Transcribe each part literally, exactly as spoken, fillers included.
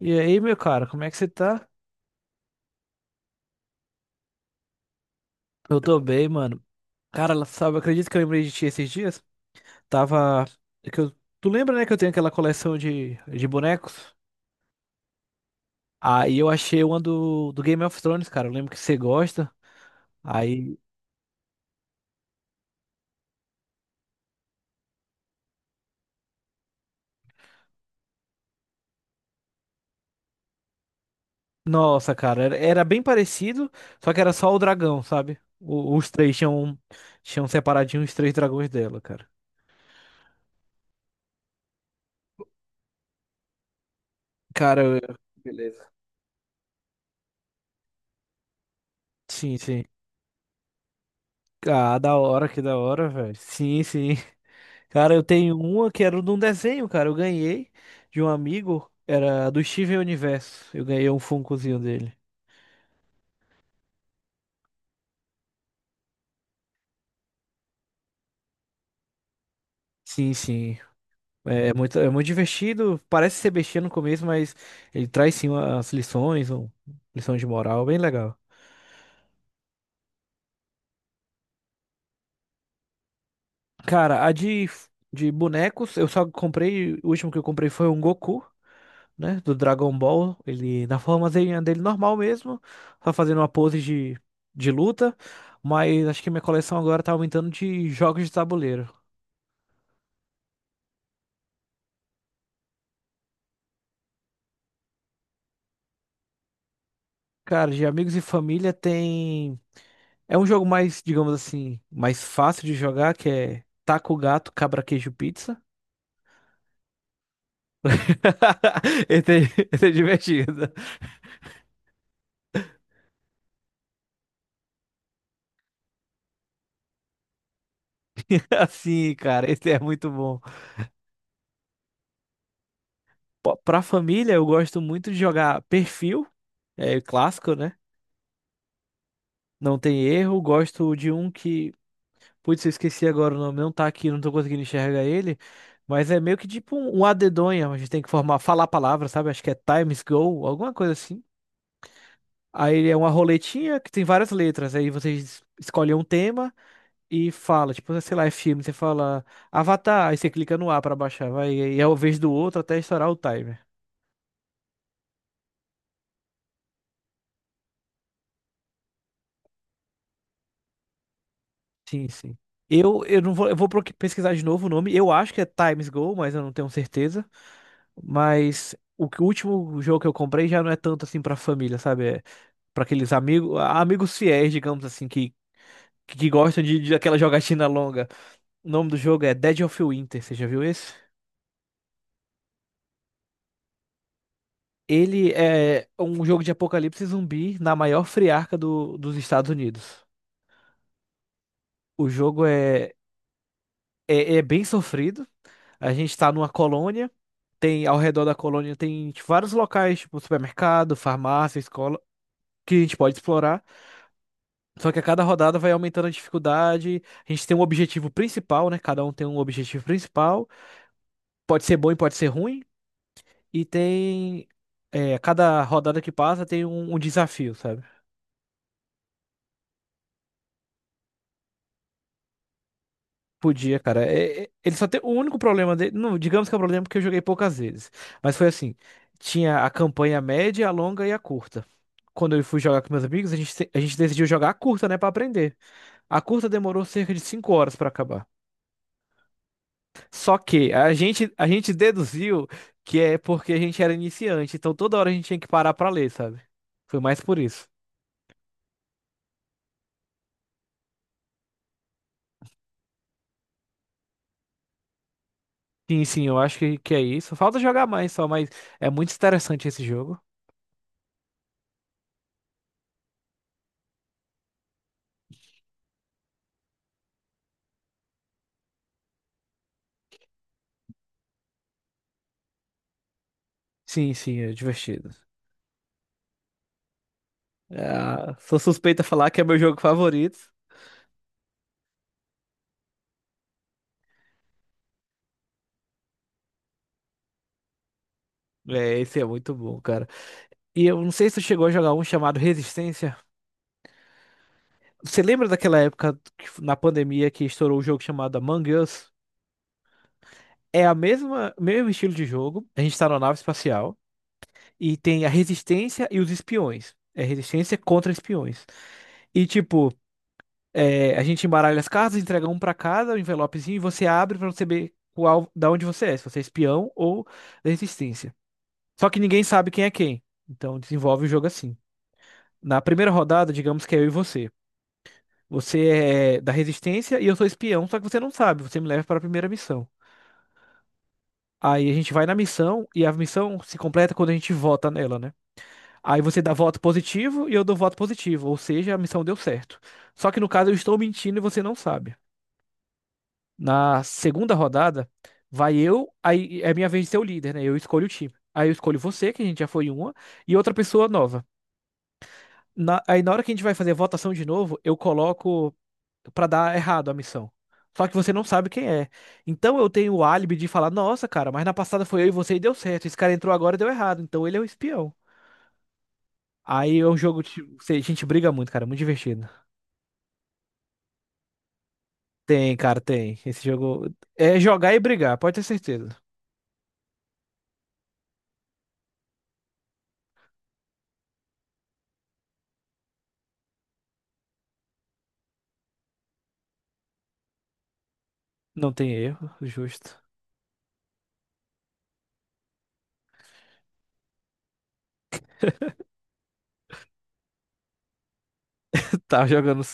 E aí, meu cara, como é que você tá? Eu tô bem, mano. Cara, sabe, acredito que eu lembrei de ti esses dias. Tava. é que eu- Tu lembra, né, que eu tenho aquela coleção de, de bonecos? Aí eu achei uma do, do Game of Thrones, cara. Eu lembro que você gosta. Aí. Nossa, cara, era, era bem parecido, só que era só o dragão, sabe? O- os três tinham, um, tinham separadinho os três dragões dela, cara. Cara, eu- Beleza. Sim, sim. Ah, da hora, que da hora, velho. Sim, sim. Cara, eu tenho uma que era de um desenho, cara. Eu ganhei de um amigo. Era do Steven Universo. Eu ganhei um Funkozinho dele. Sim, sim. É muito, é muito divertido. Parece ser bestia no começo, mas ele traz sim as lições, um, lição de moral, bem legal. Cara, a de, de bonecos, eu só comprei. O último que eu comprei foi um Goku. Né? Do Dragon Ball. Ele na formazinha dele normal mesmo. Só fazendo uma pose de, de luta. Mas acho que minha coleção agora tá aumentando de jogos de tabuleiro. Cara, de amigos e família tem. É um jogo mais, digamos assim, mais fácil de jogar, que é Taco Gato, Cabra Queijo Pizza. Esse é, esse é divertido. Assim, cara, esse é muito bom. Pô, pra família, eu gosto muito de jogar Perfil, é clássico, né? Não tem erro. Gosto de um que putz, eu esqueci agora o nome, não tá aqui, não tô conseguindo enxergar ele. Mas é meio que tipo um, um a a gente tem que formar, falar a palavra, sabe? Acho que é Times Go, alguma coisa assim. Aí ele é uma roletinha que tem várias letras. Aí vocês escolhem um tema e fala, tipo, sei lá, é filme, você fala Avatar, aí você clica no A pra baixar, vai, e é o vez do outro até estourar o timer. Sim, sim. Eu, eu não vou, eu vou pro- pesquisar de novo o nome. Eu acho que é Times Go, mas eu não tenho certeza. Mas o, que- o último jogo que eu comprei já não é tanto assim pra família, sabe? É pra aqueles amigos, amigos fiéis, digamos assim, que, que gostam de, de aquela jogatina longa. O nome do jogo é Dead of Winter, você já viu esse? Ele é um jogo de apocalipse zumbi na maior friarca do- dos Estados Unidos. O jogo é, é, é bem sofrido. A gente tá numa colônia, tem ao redor da colônia tem tipo, vários locais, tipo supermercado, farmácia, escola, que a gente pode explorar. Só que a cada rodada vai aumentando a dificuldade. A gente tem um objetivo principal, né? Cada um tem um objetivo principal. Pode ser bom e pode ser ruim. E tem. É, cada rodada que passa tem um, um desafio, sabe? Podia, cara. É- é- ele só tem. O único problema dele. Não, digamos que é o problema porque eu joguei poucas vezes. Mas foi assim: tinha a campanha média, a longa e a curta. Quando eu fui jogar com meus amigos, a gente, te- a gente decidiu jogar a curta, né? Pra aprender. A curta demorou cerca de cinco horas pra acabar. Só que a gente, a gente deduziu que é porque a gente era iniciante, então toda hora a gente tinha que parar pra ler, sabe? Foi mais por isso. Sim, sim, eu acho que, que é isso. Falta jogar mais só, mas é muito interessante esse jogo. Sim, sim, é divertido. Ah, sou suspeita a falar que é meu jogo favorito. É, esse é muito bom, cara. E eu não sei se tu chegou a jogar um chamado Resistência. Você lembra daquela época que f- na pandemia que estourou o jogo chamado Among Us? É a mesma, mesmo estilo de jogo. A gente tá na nave espacial. E tem a resistência e os espiões. É resistência contra espiões. E tipo, é, a gente embaralha as cartas, entrega um pra cada, um envelopezinho, e você abre pra você ver qual, da onde você é, se você é espião ou da resistência. Só que ninguém sabe quem é quem. Então desenvolve o jogo assim. Na primeira rodada, digamos que é eu e você. Você é da resistência e eu sou espião, só que você não sabe, você me leva para a primeira missão. Aí a gente vai na missão e a missão se completa quando a gente vota nela, né? Aí você dá voto positivo e eu dou voto positivo, ou seja, a missão deu certo. Só que no caso eu estou mentindo e você não sabe. Na segunda rodada, vai eu, aí é minha vez de ser o líder, né? Eu escolho o time. Aí eu escolho você, que a gente já foi uma, e outra pessoa nova. Na- aí na hora que a gente vai fazer a votação de novo, eu coloco pra dar errado a missão. Só que você não sabe quem é. Então eu tenho o álibi de falar: nossa, cara, mas na passada foi eu e você e deu certo. Esse cara entrou agora e deu errado. Então ele é o espião. Aí é um jogo, tipo, a gente briga muito, cara, é muito divertido. Tem, cara, tem. Esse jogo é jogar e brigar, pode ter certeza. Não tem erro, justo. Tá jogando.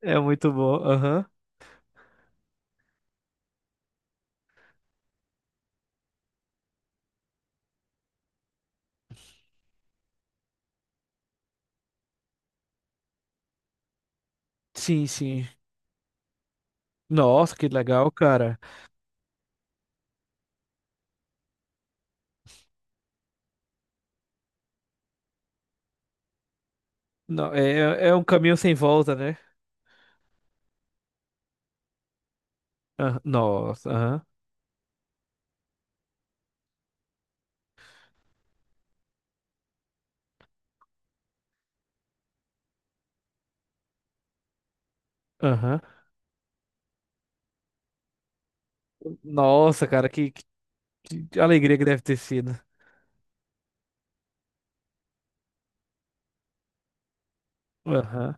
É muito bom. Aham. Sim, sim. Nossa, que legal, cara. Não, é, é um caminho sem volta, né? Ah, nossa, aham. Aham. Nossa, cara, que, que- que alegria que deve ter sido. Aham.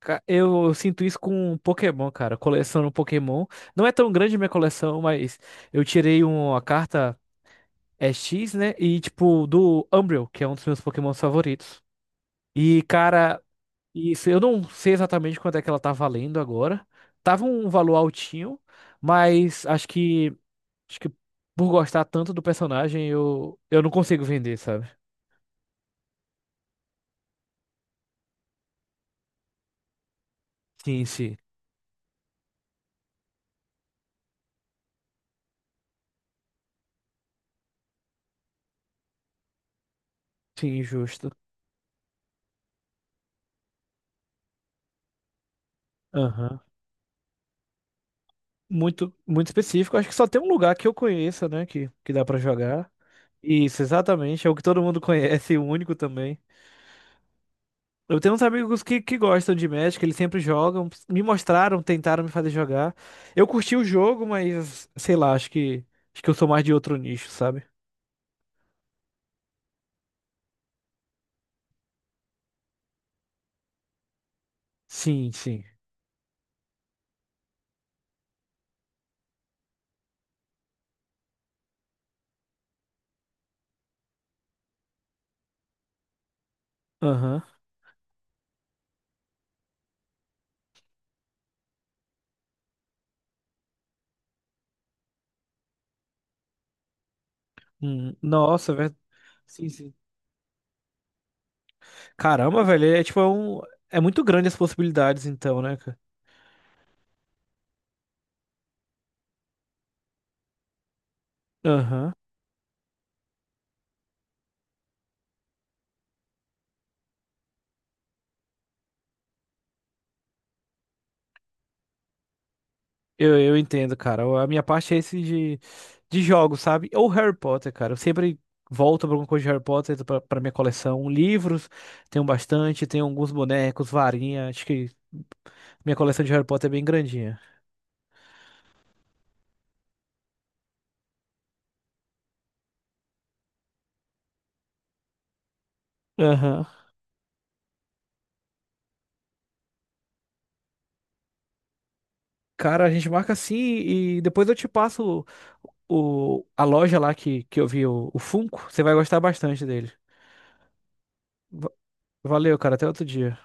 Ca- Eu sinto isso com Pokémon, cara. Coleciono Pokémon. Não é tão grande minha coleção, mas eu tirei uma carta. É X, né? E, tipo, do Umbreon, que é um dos meus Pokémons favoritos. E, cara, isso, eu não sei exatamente quanto é que ela tá valendo agora. Tava um valor altinho, mas acho que, acho que por gostar tanto do personagem, eu, eu não consigo vender, sabe? Sim, sim. Sim, justo. Aham. Muito, muito específico. Acho que só tem um lugar que eu conheça, né? Que, que dá pra jogar. Isso, exatamente. É o que todo mundo conhece, e o único também. Eu tenho uns amigos que, que gostam de Magic, eles sempre jogam. Me mostraram, tentaram me fazer jogar. Eu curti o jogo, mas sei lá, acho que acho que eu sou mais de outro nicho, sabe? Sim, sim. Aham. Hum, nossa, velho. Sim, sim. Caramba, velho, é tipo é um. É muito grande as possibilidades, então, né, cara? Aham. Eu, eu entendo, cara. A minha parte é esse de, de jogos, sabe? Ou Harry Potter, cara. Eu sempre volto pra alguma coisa de Harry Potter pra, pra minha coleção. Livros, tenho bastante, tenho alguns bonecos, varinha. Acho que minha coleção de Harry Potter é bem grandinha. Aham. Cara, a gente marca assim e depois eu te passo o, a loja lá que, que eu vi o, o Funko. Você vai gostar bastante dele. Va- Valeu, cara. Até outro dia.